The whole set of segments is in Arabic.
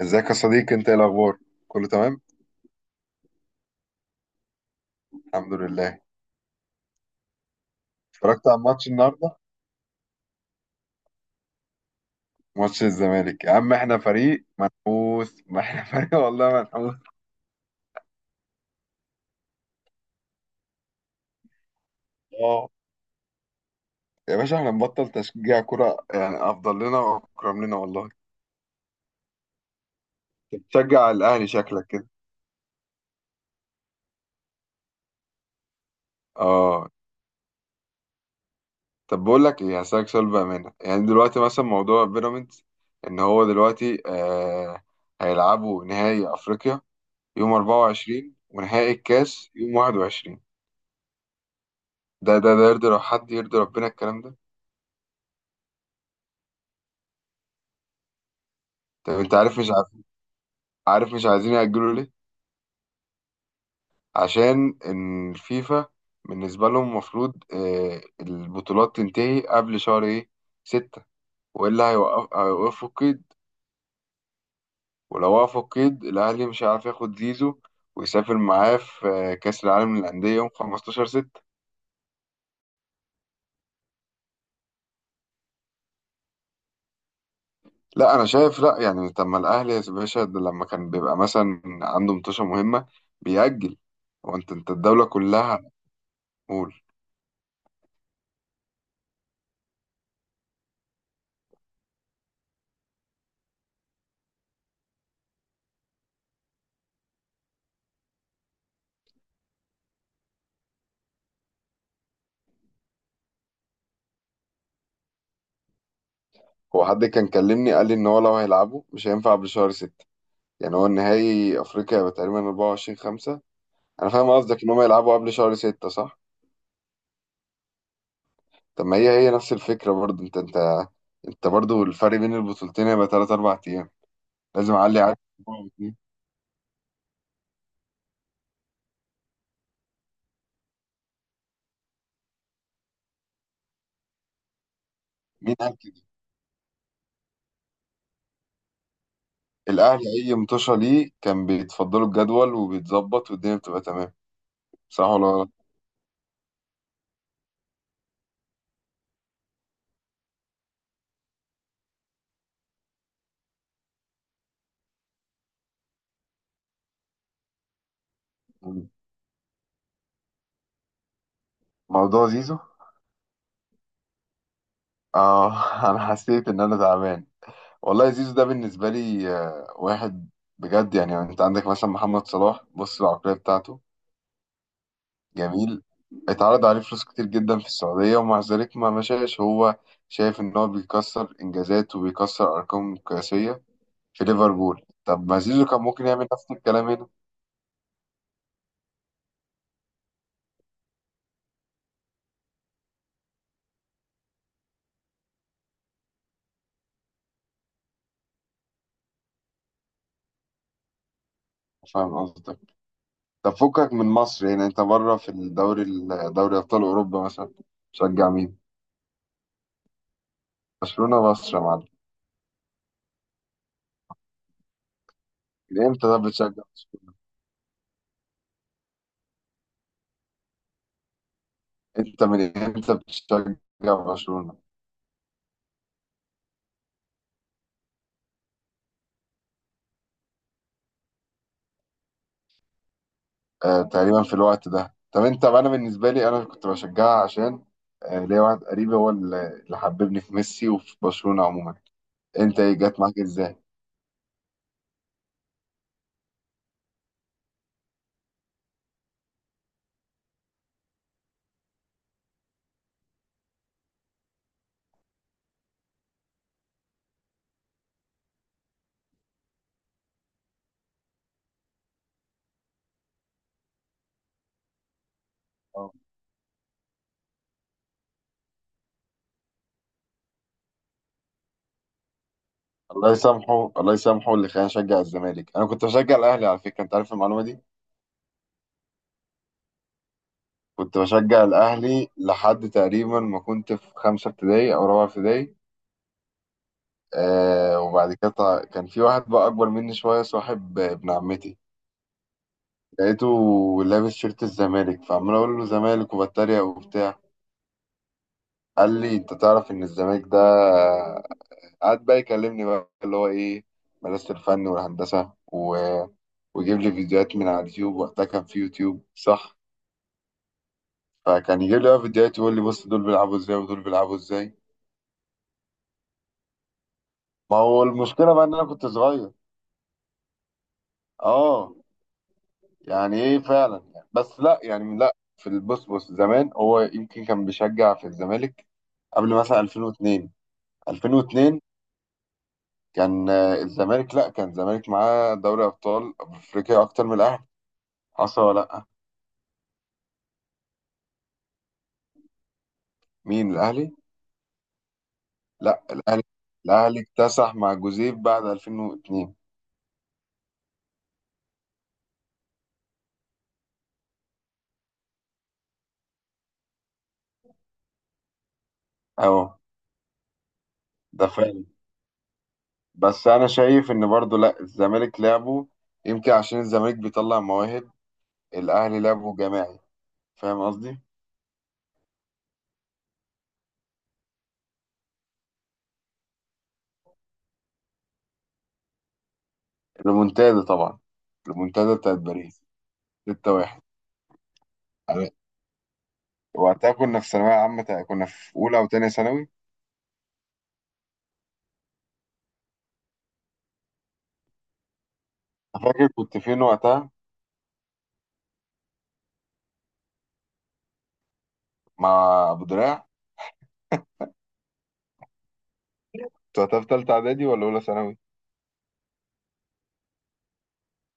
ازيك يا صديقي، انت ايه الاخبار؟ كله تمام، الحمد لله. اتفرجت على الماتش النهارده. ماتش الزمالك يا عم، احنا فريق منحوس، ما احنا فريق والله منحوس. اه، يا باشا احنا نبطل تشجيع كرة يعني افضل لنا واكرم لنا والله. أنت بتشجع الاهلي شكلك كده. اه. طب بقول لك ايه، هسألك سؤال بامانه. يعني دلوقتي مثلا موضوع بيراميدز، ان هو دلوقتي هيلعبوا نهائي افريقيا يوم 24، ونهائي الكاس يوم 21. ده يرضي؟ لو حد يرضي ربنا الكلام ده. طب انت عارف مش عارف، عارف مش عايزين يأجلوا ليه؟ عشان ان الفيفا بالنسبة لهم المفروض البطولات تنتهي قبل شهر ايه، ستة، والا هيوقفوا القيد. ولو وقفوا القيد الاهلي مش هيعرف ياخد زيزو ويسافر معاه في كأس العالم للأندية يوم 15 ستة. لا انا شايف، لا يعني طب ما الاهلي يا باشا ده لما كان بيبقى مثلا عنده مطوشة مهمة بيأجل، وانت الدولة كلها. قول. هو حد كان كلمني قال لي ان هو لو هيلعبه مش هينفع قبل شهر ستة. يعني هو النهائي افريقيا هيبقى تقريبا 24 5. انا فاهم قصدك ان هم يلعبوا قبل شهر ستة، صح؟ طب ما هي، هي نفس الفكرة برضه. انت برضه الفرق بين البطولتين هيبقى 3 4 ايام، لازم اعلي على أسبوع أو اتنين. مين قال كده؟ الاهلي اي مطوشة ليه كان بيتفضلوا الجدول وبيتظبط والدنيا بتبقى تمام، صح ولا غلط؟ موضوع زيزو. اه. انا حسيت ان انا تعبان والله. زيزو ده بالنسبة لي واحد بجد يعني. انت عندك مثلا محمد صلاح، بص العقلية بتاعته جميل. اتعرض عليه فلوس كتير جدا في السعودية ومع ذلك ما مشاش، هو شايف ان هو بيكسر انجازات وبيكسر ارقام قياسية في ليفربول. طب ما زيزو كان ممكن يعمل نفس الكلام هنا. فاهم قصدك. طب فكك من مصر، يعني انت بره في دوري ابطال اوروبا مثلا بتشجع مين؟ برشلونة مصر يا معلم. من امتى ده بتشجع برشلونة؟ انت من امتى بتشجع برشلونة؟ تقريبا في الوقت ده. طب انت، انا بالنسبه لي انا كنت بشجعها عشان ليا واحد قريبي هو اللي حببني في ميسي وفي برشلونه عموما. انت ايه جت معاك ازاي؟ اه. الله يسامحه، الله يسامحه اللي خلاني اشجع الزمالك. انا كنت بشجع الاهلي على فكره، انت عارف المعلومه دي؟ كنت بشجع الاهلي لحد تقريبا ما كنت في خمسه ابتدائي او رابعه ابتدائي. آه، وبعد كده كان في واحد بقى اكبر مني شويه، صاحب ابن عمتي. لقيته لابس شيرت الزمالك، فعمال اقول له زمالك وبتريق وبتاع. قال لي انت تعرف ان الزمالك ده، قعد بقى يكلمني بقى اللي هو ايه، مدرسة الفن والهندسة، و... ويجيب لي فيديوهات من على اليوتيوب. وقتها كان في يوتيوب، صح؟ فكان يجيب لي بقى فيديوهات يقول لي بص، دول بيلعبوا ازاي ودول بيلعبوا ازاي. ما هو المشكلة بقى ان انا كنت صغير. اه. يعني ايه فعلا يعني. بس لا يعني، لا، في البص زمان هو يمكن كان بيشجع في الزمالك قبل مثلا 2002. 2002 كان الزمالك، لا كان الزمالك معاه دوري ابطال افريقيا اكتر من الاهلي، حصل ولا لا؟ مين الاهلي؟ لا الاهلي، الاهلي اكتسح مع جوزيب بعد 2002. اهو. ده فعلا. بس انا شايف ان برضو لا، الزمالك لعبه، يمكن عشان الزمالك بيطلع مواهب، الاهلي لعبه جماعي. فاهم قصدي؟ ريمونتادا طبعا، ريمونتادا بتاعت باريس 6-1. أنا- وقتها كنا في ثانوية عامة، كنا في أولى أو تانية ثانوي. فاكر كنت فين وقتها، مع أبو دراع؟ انت في تالتة اعدادي ولا اولى ثانوي؟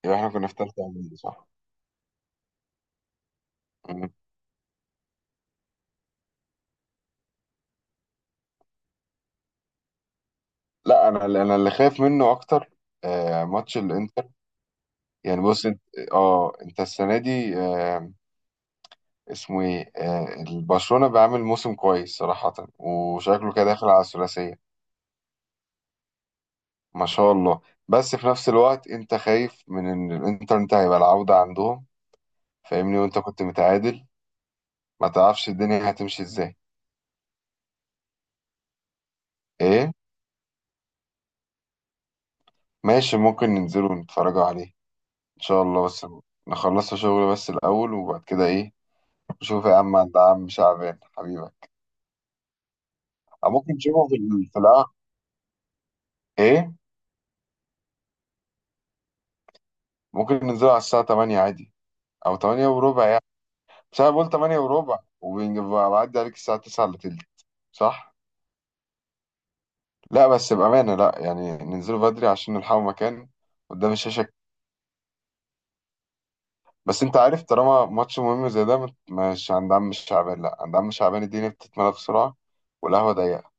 يبقى احنا كنا في تالتة اعدادي، صح؟ مم. لا انا اللي، انا اللي خايف منه اكتر، آه ماتش الانتر. يعني بص انت، اه انت السنة دي آه، اسمه ايه؟ آه البرشلونة بيعمل موسم كويس صراحة، وشكله كده داخل على الثلاثية. ما شاء الله. بس في نفس الوقت انت خايف من ان الانتر انت هيبقى العودة عندهم. فاهمني؟ وانت كنت متعادل، ما تعرفش الدنيا هتمشي ازاي. ايه؟ ماشي ممكن ننزلوا نتفرجوا عليه ان شاء الله. بس نخلص شغل بس الاول، وبعد كده ايه، نشوف يا عم عند عم شعبان حبيبك. أو ممكن في القهوة. ايه ممكن ننزله على الساعه 8 عادي، او 8 وربع يعني. بس انا بقول 8 وربع، وبعدي عليك الساعه 9 الا تلت، صح؟ لا بس بامانه لا يعني، ننزله بدري عشان نلحقوا مكان قدام الشاشه. بس انت عارف طالما ماتش مهم زي ده، مش عند عم شعبان، لا عند عم شعبان الدنيا بتتملى بسرعه والقهوه ضيقه.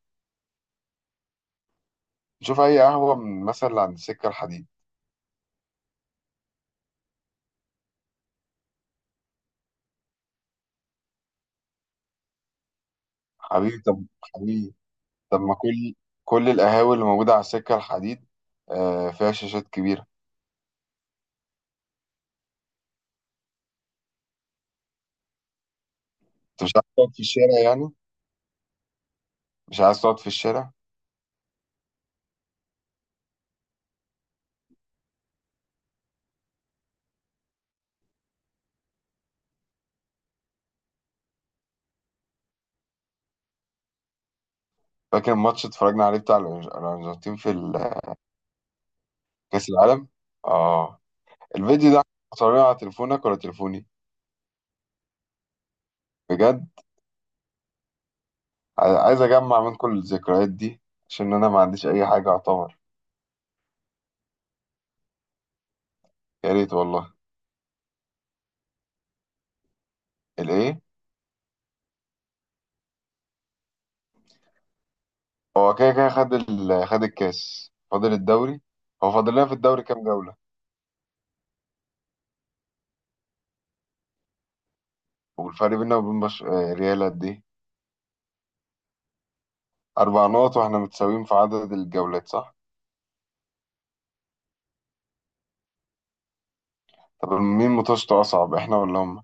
نشوف اي قهوه من مثلا اللي عند السكه الحديد. حبيبي طب، حبيبي، طب ما كل، كل القهاوي اللي موجودة على السكة الحديد فيها شاشات كبيرة. انت مش عايز تقعد في الشارع يعني؟ مش عايز تقعد في الشارع. فاكر الماتش اتفرجنا عليه بتاع الأرجنتين في كأس العالم؟ اه. الفيديو ده صورناه على تليفونك ولا تليفوني؟ بجد؟ عايز اجمع من كل الذكريات دي عشان انا ما عنديش اي حاجة اعتبر. يا ريت والله. الايه؟ هو كده كده خد ال، خد الكاس فاضل الدوري. هو فاضل لنا في الدوري كام جولة؟ والفرق بيننا وبين بش... آه، ريال قد إيه؟ أربع نقط، وإحنا متساويين في عدد الجولات، صح؟ طب مين ماتشته أصعب، إحنا ولا هم؟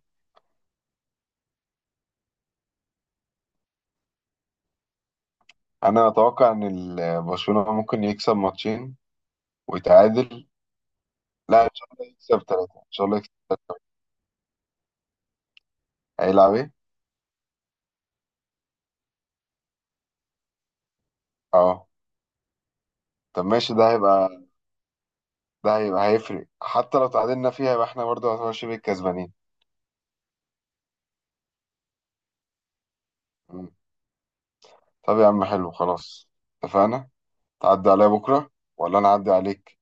أنا أتوقع إن برشلونة ممكن يكسب ماتشين ويتعادل. لا إن شاء الله يكسب ثلاثة، إن شاء الله يكسب ثلاثة. هيلعب إيه؟ أه. طب ماشي، ده هيبقى هيفرق، حتى لو تعادلنا فيها يبقى إحنا برضه هنبقى شبه الكسبانين. مم. طب يا عم حلو خلاص، اتفقنا. تعدي عليا بكرة ولا أنا أعدي عليك؟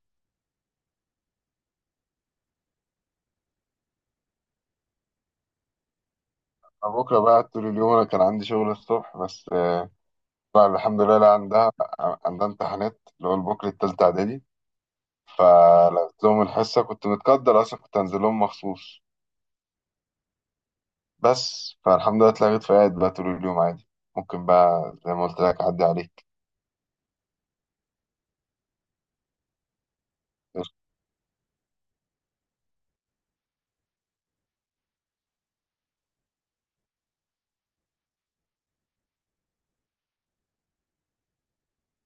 أنا بكرة بقى طول اليوم، أنا كان عندي شغل الصبح بس لا الحمد لله، لا عندها، عندها امتحانات اللي هو البوكلة التالتة إعدادي، فلقيت لهم الحصة كنت متقدر أصلا، كنت هنزل لهم مخصوص. بس فالحمد لله اتلغيت، فقاعد بقى طول اليوم عادي. ممكن بقى زي ما قلت لك أعدي عليك.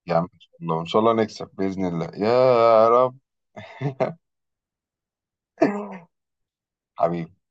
يا عم إن شاء الله، إن شاء الله نكسب بإذن الله يا رب. حبيبي.